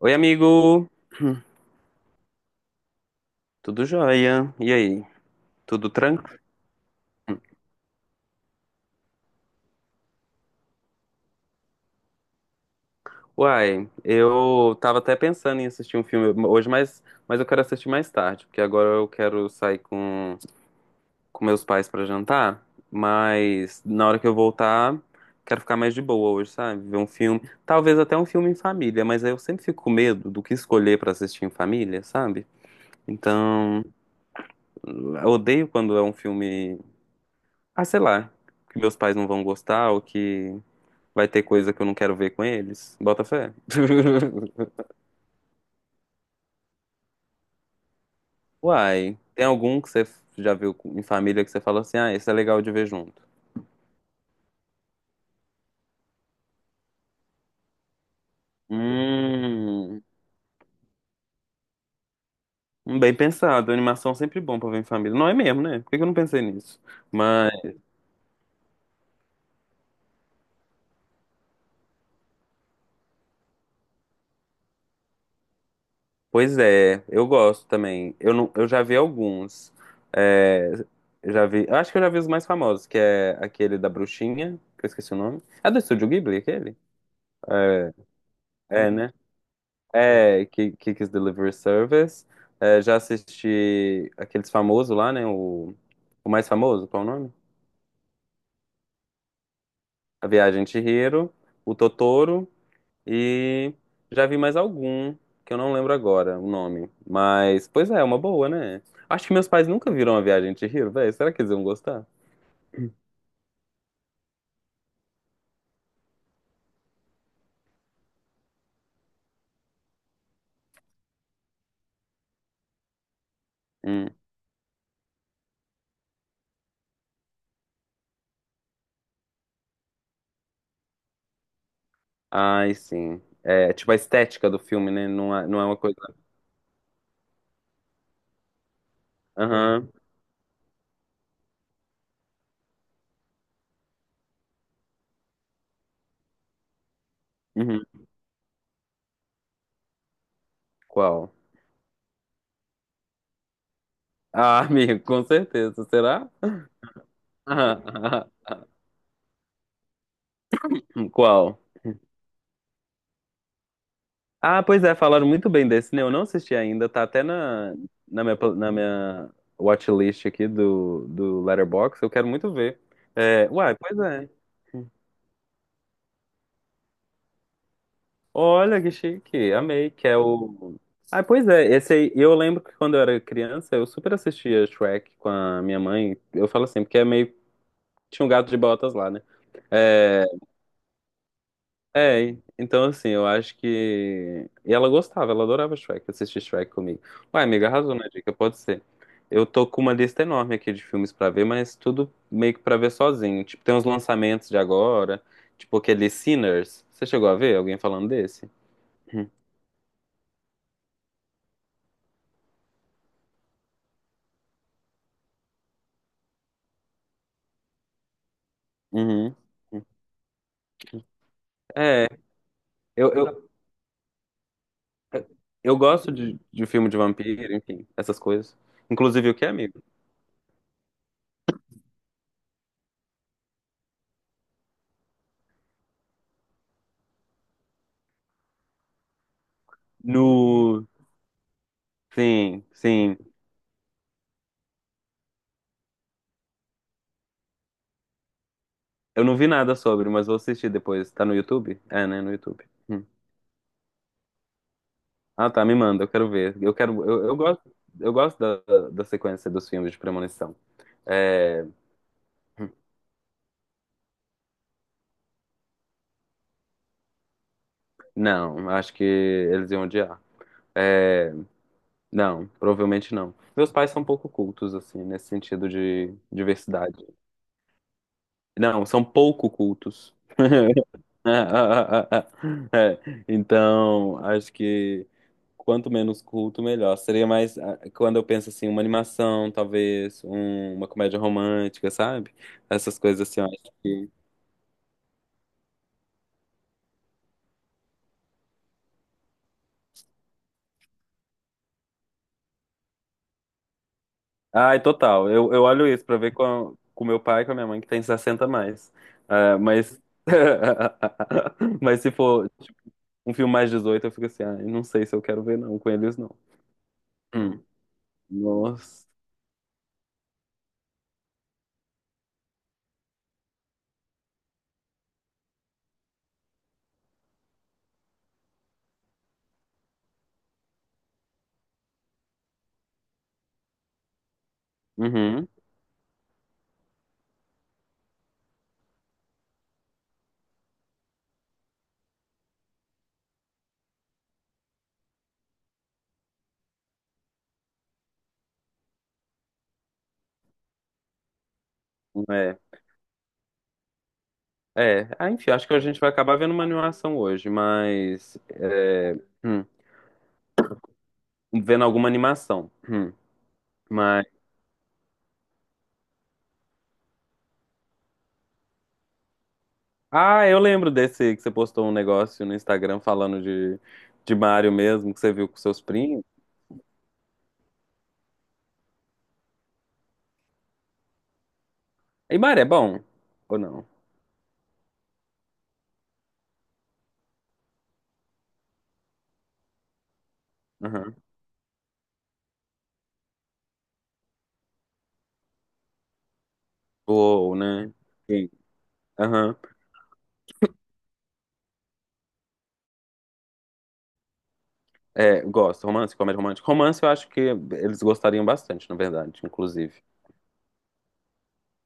Oi, amigo. Tudo jóia? E aí? Tudo tranquilo? Uai, eu tava até pensando em assistir um filme hoje, mas eu quero assistir mais tarde, porque agora eu quero sair com meus pais pra jantar, mas na hora que eu voltar, quero ficar mais de boa hoje, sabe? Ver um filme, talvez até um filme em família, mas aí eu sempre fico com medo do que escolher pra assistir em família, sabe? Então, eu odeio quando é um filme, ah, sei lá, que meus pais não vão gostar ou que vai ter coisa que eu não quero ver com eles? Bota fé. Uai, tem algum que você já viu em família que você fala assim, ah, esse é legal de ver junto? Hum, bem pensado. Animação é sempre bom pra ver em família. Não é mesmo, né? Por que que eu não pensei nisso? Mas, pois é, eu gosto também. Eu, não, eu já vi alguns. É, já vi, eu acho que eu já vi os mais famosos, que é aquele da bruxinha, que eu esqueci o nome. É do Estúdio Ghibli, aquele? É, é, né? É, Kiki's Delivery Service. É, já assisti aqueles famosos lá, né? O mais famoso, qual é o nome? A Viagem de Chihiro, o Totoro e já vi mais algum, que eu não lembro agora o nome. Mas, pois é, é uma boa, né? Acho que meus pais nunca viram A Viagem de Chihiro, velho. Será que eles vão gostar? Hum. Ai, sim. É, tipo a estética do filme, né? Não é uma coisa. Aham. Uhum. Qual? Ah, amigo, com certeza. Será? Qual? Ah, pois é, falaram muito bem desse, né? Eu não assisti ainda, tá até na, na minha, pla- na minha watchlist aqui do Letterboxd, eu quero muito ver. É, uai, pois é. Olha que chique, amei, que é o... Ah, pois é, esse aí, eu lembro que quando eu era criança, eu super assistia Shrek com a minha mãe, eu falo assim, porque é meio... Tinha um gato de botas lá, né? É, é, então assim, eu acho que. E ela gostava, ela adorava Shrek, assistir Shrek comigo. Uai, amiga, arrasou na dica, pode ser. Eu tô com uma lista enorme aqui de filmes pra ver, mas tudo meio que pra ver sozinho. Tipo, tem uns lançamentos de agora, tipo aquele Sinners. Você chegou a ver alguém falando desse? Uhum. É, eu, eu, eu gosto de filme de vampiro, enfim, essas coisas. Inclusive o que, é amigo? No. Sim, sim. Eu não vi nada sobre, mas vou assistir depois. Tá no YouTube? É, né? No YouTube. Hum. Ah, tá. Me manda, eu quero ver. Eu quero. Eu gosto. Eu gosto da sequência dos filmes de premonição. É, hum, não, acho que eles iam odiar. É, não, provavelmente não. Meus pais são pouco cultos, assim, nesse sentido de diversidade. Não, são pouco cultos. É, então, acho que quanto menos culto, melhor. Seria mais ah, quando eu penso assim, uma animação, talvez, uma comédia romântica, sabe? Essas coisas assim, eu acho que. Ai, total. Eu olho isso pra ver com meu pai e com a minha mãe, que tem 60 mais. Ah, mas. Mas se for um filme mais 18 eu fico assim, ai, não sei se eu quero ver, não, com eles não. Hum. Nossa. Uhum. É. É, ah, enfim, acho que a gente vai acabar vendo uma animação hoje, mas. É, hum, vendo alguma animação. Mas. Ah, eu lembro desse que você postou um negócio no Instagram falando de Mario mesmo, que você viu com seus primos. E Mario é bom? Ou não? Aham. Ou, né? Sim. Aham. É, gosto. Romance, comédia romântica. Romance eu acho que eles gostariam bastante, na verdade, inclusive.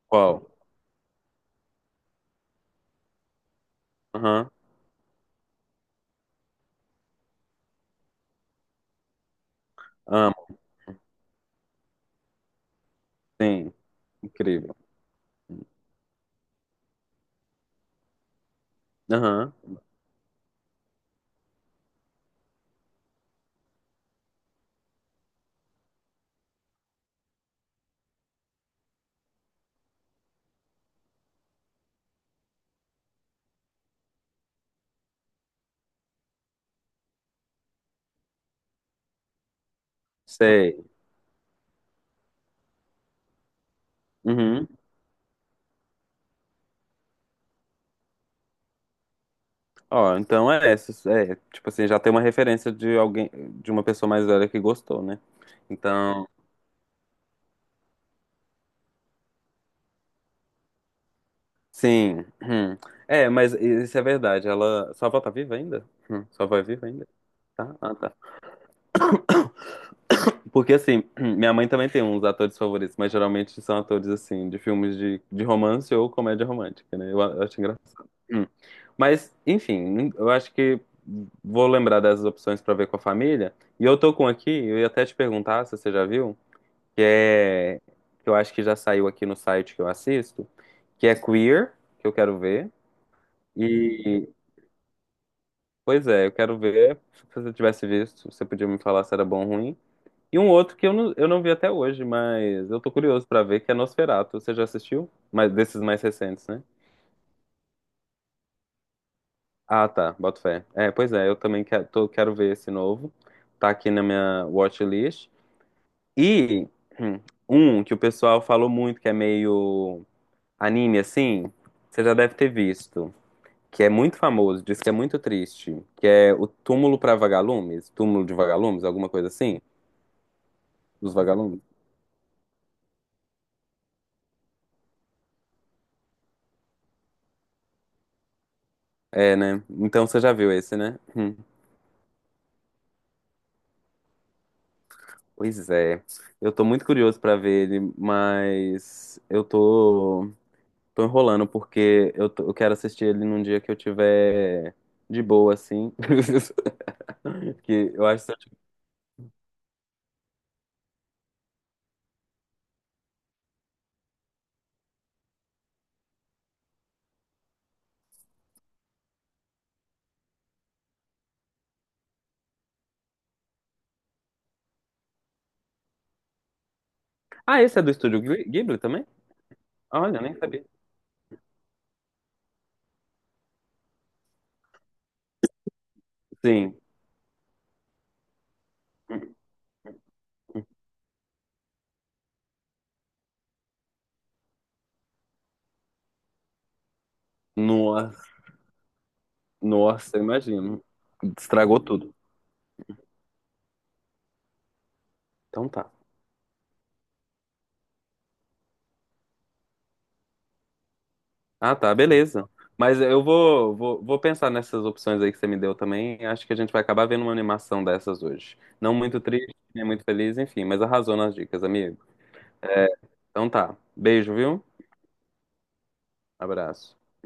Qual? Aham. Amo. Sim. Incrível. Aham. Sei. Uhum. Ó, então é essa. É, tipo assim, já tem uma referência de alguém, de uma pessoa mais velha que gostou, né? Então, sim. Hum. É, mas isso é verdade. Ela. Sua avó tá viva ainda? Sua avó é viva ainda? Tá? Ah, tá. Porque assim, minha mãe também tem uns atores favoritos, mas geralmente são atores assim, de filmes de romance ou comédia romântica, né? Eu acho engraçado. Hum. Mas, enfim, eu acho que vou lembrar dessas opções pra ver com a família. E eu tô com aqui, eu ia até te perguntar se você já viu. Que é que eu acho que já saiu aqui no site que eu assisto, que é Queer, que eu quero ver. E pois é, eu quero ver. Se você tivesse visto, você podia me falar se era bom ou ruim. E um outro que eu não vi até hoje, mas eu tô curioso pra ver, que é Nosferatu. Você já assistiu? Mas desses mais recentes, né? Ah, tá, boto fé. É, pois é, eu também quero, quero ver esse novo. Tá aqui na minha watchlist. E hum, um que o pessoal falou muito, que é meio anime assim, você já deve ter visto, que é muito famoso, diz que é muito triste, que é o Túmulo para Vagalumes, Túmulo de Vagalumes, alguma coisa assim, dos vagalumes. É, né? Então você já viu esse, né? Hum. Pois é. Eu tô muito curioso pra ver ele, mas eu tô enrolando porque eu quero assistir ele num dia que eu tiver de boa assim. Que eu acho que... Ah, esse é do estúdio Ghibli também? Olha, nem sabia. Sim. Nossa. Nossa, eu imagino. Estragou tudo. Então tá. Ah, tá, beleza. Mas eu vou pensar nessas opções aí que você me deu também. Acho que a gente vai acabar vendo uma animação dessas hoje. Não muito triste, nem muito feliz, enfim, mas arrasou nas dicas, amigo. Então tá. Beijo, viu? Abraço.